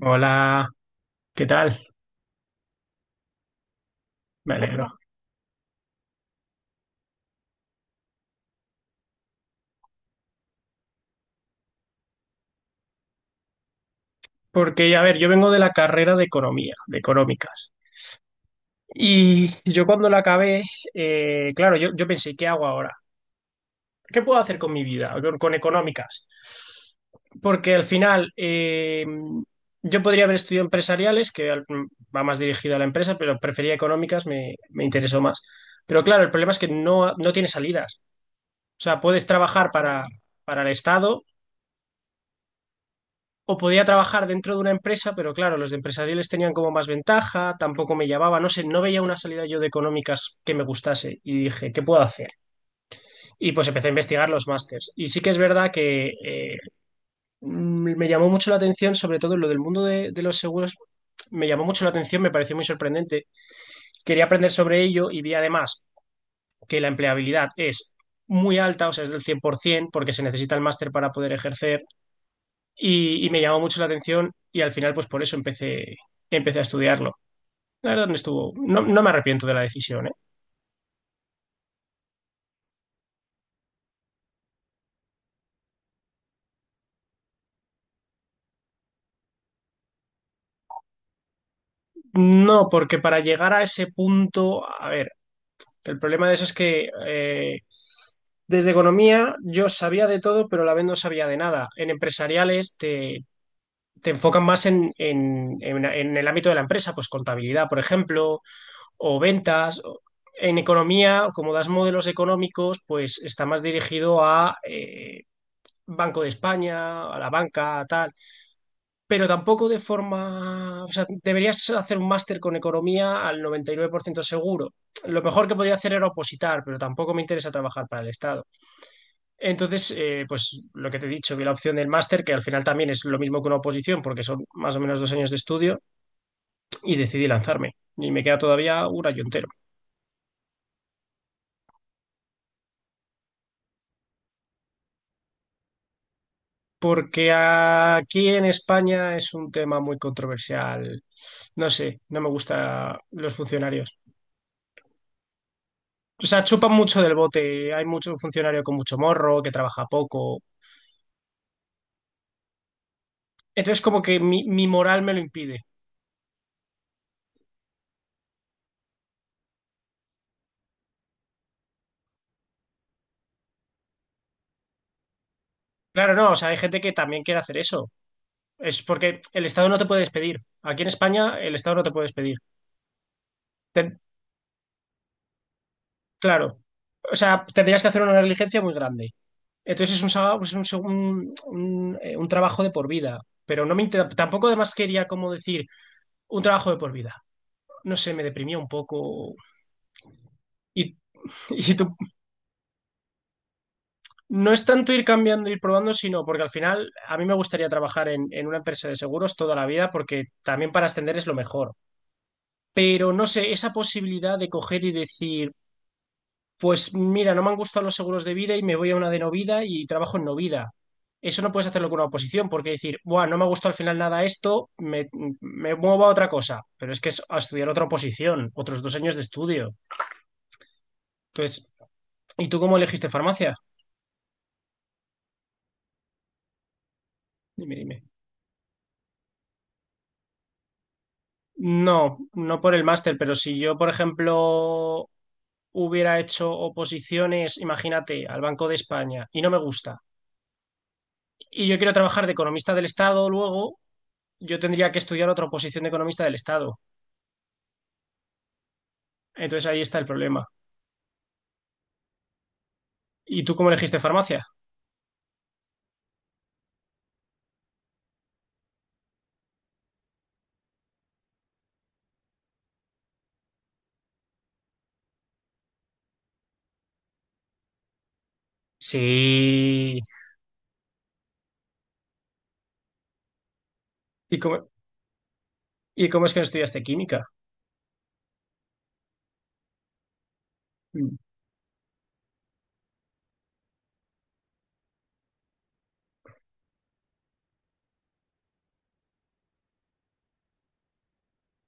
Hola, ¿qué tal? Me alegro. Porque, a ver, yo vengo de la carrera de economía, de económicas. Y yo cuando la acabé, claro, yo pensé, ¿qué hago ahora? ¿Qué puedo hacer con mi vida, con económicas? Porque al final, yo podría haber estudiado empresariales, va más dirigido a la empresa, pero prefería económicas, me interesó más. Pero claro, el problema es que no tiene salidas. O sea, puedes trabajar para el Estado. O podía trabajar dentro de una empresa, pero claro, los de empresariales tenían como más ventaja, tampoco me llamaba, no sé, no veía una salida yo de económicas que me gustase y dije, ¿qué puedo hacer? Y pues empecé a investigar los másters. Y sí que es verdad que me llamó mucho la atención, sobre todo en lo del mundo de los seguros, me llamó mucho la atención, me pareció muy sorprendente. Quería aprender sobre ello y vi además que la empleabilidad es muy alta, o sea, es del 100%, porque se necesita el máster para poder ejercer y me llamó mucho la atención y al final pues por eso empecé, empecé a estudiarlo. La verdad no estuvo, no me arrepiento de la decisión, ¿eh? No, porque para llegar a ese punto, a ver, el problema de eso es que desde economía yo sabía de todo, pero a la vez no sabía de nada. En empresariales te enfocan más en, en el ámbito de la empresa, pues contabilidad, por ejemplo, o ventas. En economía, como das modelos económicos, pues está más dirigido a... Banco de España, a la banca, tal, pero tampoco de forma, o sea, deberías hacer un máster con economía al 99% seguro. Lo mejor que podía hacer era opositar, pero tampoco me interesa trabajar para el Estado. Entonces, pues lo que te he dicho, vi la opción del máster, que al final también es lo mismo que una oposición, porque son más o menos 2 años de estudio, y decidí lanzarme. Y me queda todavía un año entero. Porque aquí en España es un tema muy controversial. No sé, no me gustan los funcionarios. O sea, chupan mucho del bote. Hay mucho funcionario con mucho morro, que trabaja poco. Entonces, como que mi moral me lo impide. Claro, no, o sea, hay gente que también quiere hacer eso. Es porque el Estado no te puede despedir. Aquí en España, el Estado no te puede despedir. Ten- claro. O sea, tendrías que hacer una negligencia muy grande. Entonces, es un, sa- es un, seg- un trabajo de por vida. Pero tampoco además quería como decir un trabajo de por vida. No sé, me deprimía un poco. ¿Y, y tú? No es tanto ir cambiando, ir probando, sino porque al final a mí me gustaría trabajar en una empresa de seguros toda la vida porque también para ascender es lo mejor. Pero no sé, esa posibilidad de coger y decir, pues mira, no me han gustado los seguros de vida y me voy a una de no vida y trabajo en no vida. Eso no puedes hacerlo con una oposición porque decir, buah, no me ha gustado al final nada esto, me muevo a otra cosa. Pero es que es a estudiar otra oposición, otros 2 años de estudio. Entonces, ¿y tú cómo elegiste farmacia? Dime, dime. No, no por el máster, pero si yo, por ejemplo, hubiera hecho oposiciones, imagínate, al Banco de España y no me gusta, y yo quiero trabajar de economista del Estado luego, yo tendría que estudiar otra oposición de economista del Estado. Entonces ahí está el problema. ¿Y tú cómo elegiste farmacia? Sí. ¿Y cómo, y cómo es que no estudiaste química? Mm.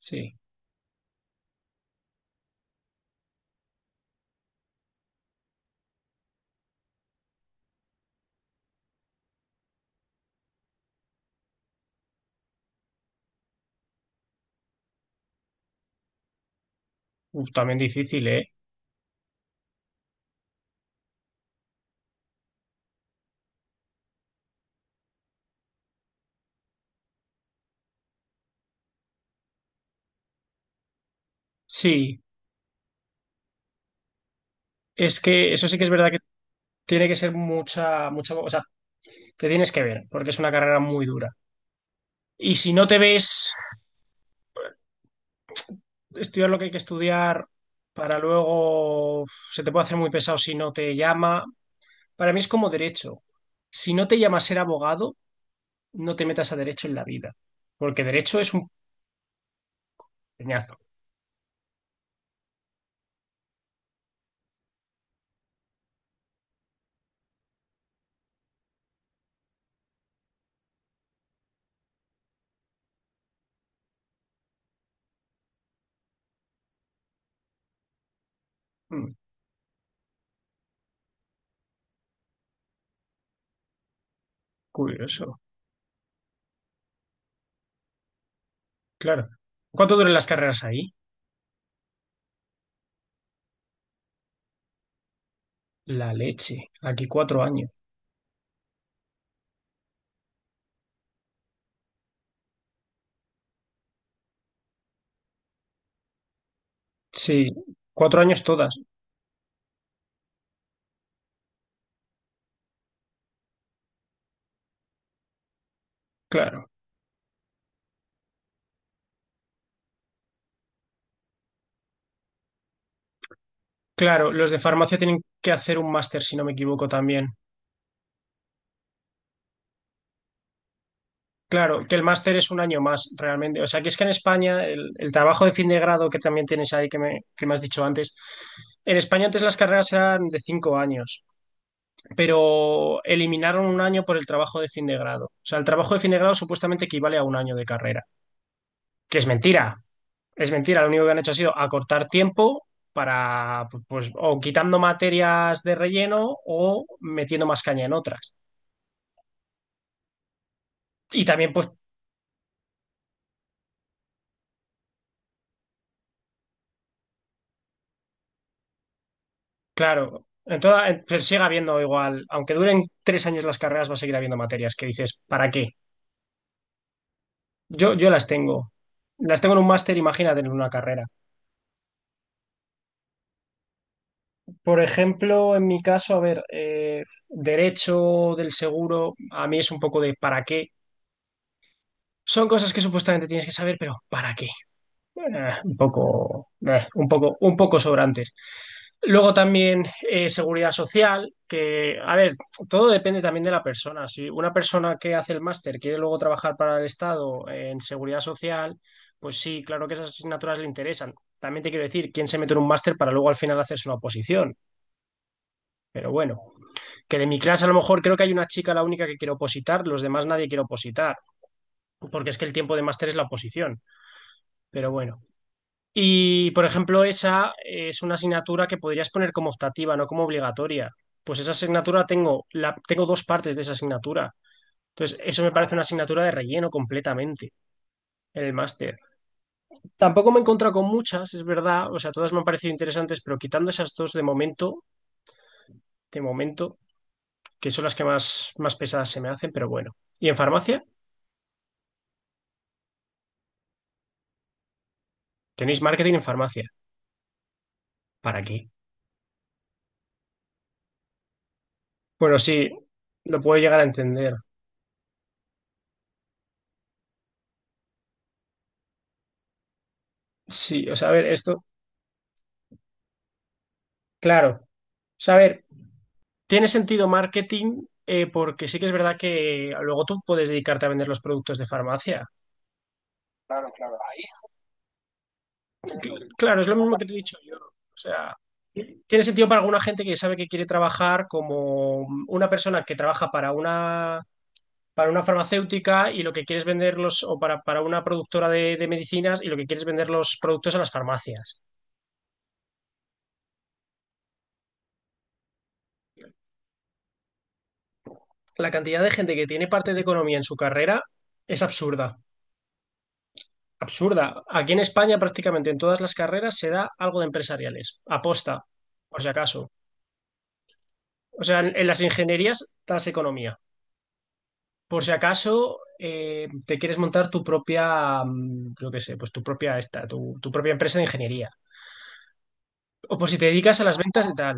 Sí. Uf, también difícil, ¿eh? Sí. Es que eso sí que es verdad que tiene que ser mucha, mucha, o sea, te tienes que ver, porque es una carrera muy dura. Y si no te ves estudiar lo que hay que estudiar para luego, se te puede hacer muy pesado si no te llama. Para mí es como derecho. Si no te llama a ser abogado, no te metas a derecho en la vida, porque derecho es un peñazo. Mm, curioso, claro. ¿Cuánto duran las carreras ahí? La leche. Aquí 4 años. Sí, 4 años todas, claro. Claro, los de farmacia tienen que hacer un máster, si no me equivoco, también. Claro, que el máster es un año más realmente. O sea, que es que en España el trabajo de fin de grado que también tienes ahí, que me has dicho antes, en España antes las carreras eran de 5 años, pero eliminaron un año por el trabajo de fin de grado. O sea, el trabajo de fin de grado supuestamente equivale a un año de carrera, que es mentira, es mentira. Lo único que han hecho ha sido acortar tiempo para, pues, o quitando materias de relleno o metiendo más caña en otras. Y también, pues, pero sigue habiendo igual, aunque duren 3 años las carreras, va a seguir habiendo materias que dices, ¿para qué? Yo las tengo. Las tengo en un máster, imagínate en una carrera. Por ejemplo, en mi caso, a ver, derecho del seguro, a mí es un poco de ¿para qué? Son cosas que supuestamente tienes que saber, pero ¿para qué? Un poco, un poco, un poco sobrantes. Luego también seguridad social, que, a ver, todo depende también de la persona. Si una persona que hace el máster quiere luego trabajar para el Estado en seguridad social, pues sí, claro que esas asignaturas le interesan. También te quiero decir, ¿quién se mete en un máster para luego al final hacerse una oposición? Pero bueno, que de mi clase a lo mejor creo que hay una chica la única que quiere opositar, los demás nadie quiere opositar, porque es que el tiempo de máster es la oposición. Pero bueno. Y, por ejemplo, esa es una asignatura que podrías poner como optativa, no como obligatoria. Pues esa asignatura tengo, tengo 2 partes de esa asignatura. Entonces, eso me parece una asignatura de relleno completamente en el máster. Tampoco me he encontrado con muchas, es verdad. O sea, todas me han parecido interesantes, pero quitando esas dos de momento, que son las que más, más pesadas se me hacen, pero bueno. ¿Y en farmacia? ¿Tenéis marketing en farmacia? ¿Para qué? Bueno, sí, lo puedo llegar a entender. Sí, o sea, a ver, esto, claro. O sea, a ver, tiene sentido marketing porque sí que es verdad que luego tú puedes dedicarte a vender los productos de farmacia. Claro, claro. Claro, es lo mismo que te he dicho yo. O sea, tiene sentido para alguna gente que sabe que quiere trabajar como una persona que trabaja para una farmacéutica y lo que quieres venderlos, o para una productora de medicinas y lo que quieres vender los productos a las farmacias. La cantidad de gente que tiene parte de economía en su carrera es absurda. Absurda. Aquí en España prácticamente en todas las carreras se da algo de empresariales, aposta, por si acaso. O sea, en las ingenierías das economía. Por si acaso te quieres montar tu propia, creo que sé, pues tu propia esta, tu propia empresa de ingeniería. O por si te dedicas a las ventas y tal.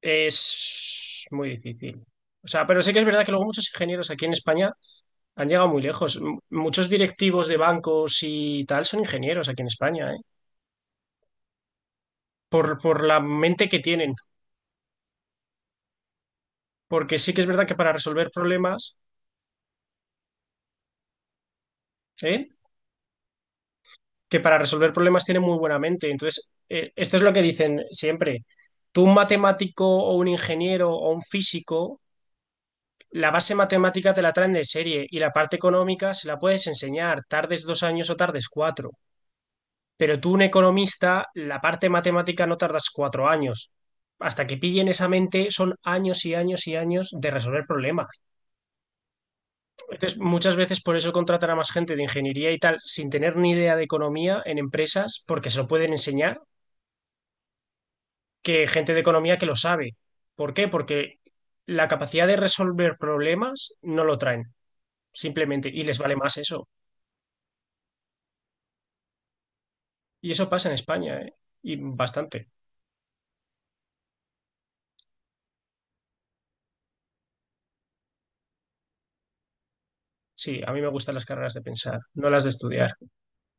Es muy difícil. O sea, pero sí que es verdad que luego muchos ingenieros aquí en España han llegado muy lejos. Muchos directivos de bancos y tal son ingenieros aquí en España, ¿eh? Por la mente que tienen porque sí que es verdad que para resolver problemas, ¿eh? Que para resolver problemas tiene muy buena mente. Entonces, esto es lo que dicen siempre. Tú, un matemático o un ingeniero o un físico, la base matemática te la traen de serie y la parte económica se la puedes enseñar, tardes 2 años o tardes cuatro. Pero tú, un economista, la parte matemática no tardas 4 años. Hasta que pillen esa mente son años y años y años de resolver problemas. Entonces, muchas veces por eso contratan a más gente de ingeniería y tal, sin tener ni idea de economía en empresas, porque se lo pueden enseñar, que gente de economía que lo sabe. ¿Por qué? Porque la capacidad de resolver problemas no lo traen, simplemente, y les vale más eso. Y eso pasa en España, ¿eh? Y bastante. Sí, a mí me gustan las carreras de pensar, no las de estudiar.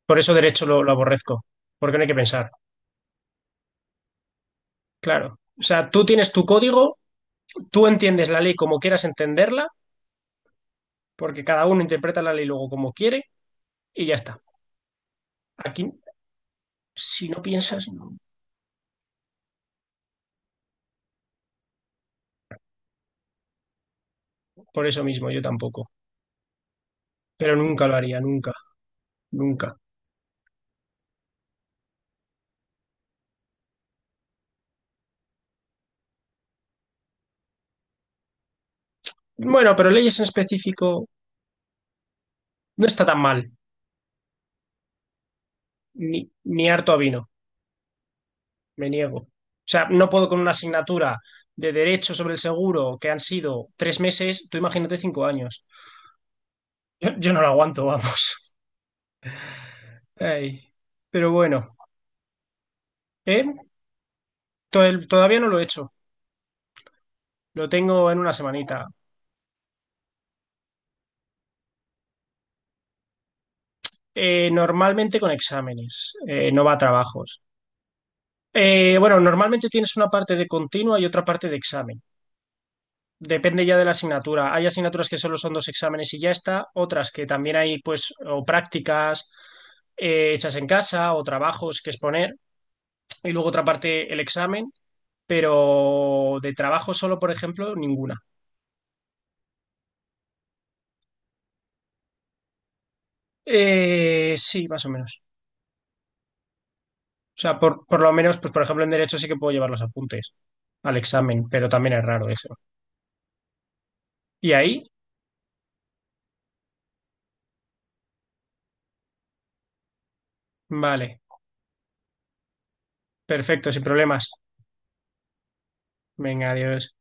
Por eso derecho lo aborrezco, porque no hay que pensar, claro. O sea, tú tienes tu código, tú entiendes la ley como quieras entenderla, porque cada uno interpreta la ley luego como quiere, y ya está. Aquí, si no piensas, no. Por eso mismo, yo tampoco. Pero nunca lo haría, nunca, nunca. Bueno, pero leyes en específico no está tan mal, ni, ni harto a vino, me niego. O sea, no puedo con una asignatura de derecho sobre el seguro que han sido 3 meses, tú imagínate 5 años. Yo no lo aguanto, vamos. Ay, pero bueno, ¿eh? To- Todavía no lo he hecho, lo tengo en una semanita. Normalmente con exámenes, no va a trabajos. Bueno, normalmente tienes una parte de continua y otra parte de examen. Depende ya de la asignatura. Hay asignaturas que solo son 2 exámenes y ya está, otras que también hay, pues, o prácticas hechas en casa o trabajos que exponer, y luego otra parte el examen, pero de trabajo solo, por ejemplo, ninguna. Sí, más o menos. O sea, por lo menos, pues, por ejemplo, en derecho sí que puedo llevar los apuntes al examen, pero también es raro eso. ¿Y ahí? Vale, perfecto, sin problemas. Venga, adiós.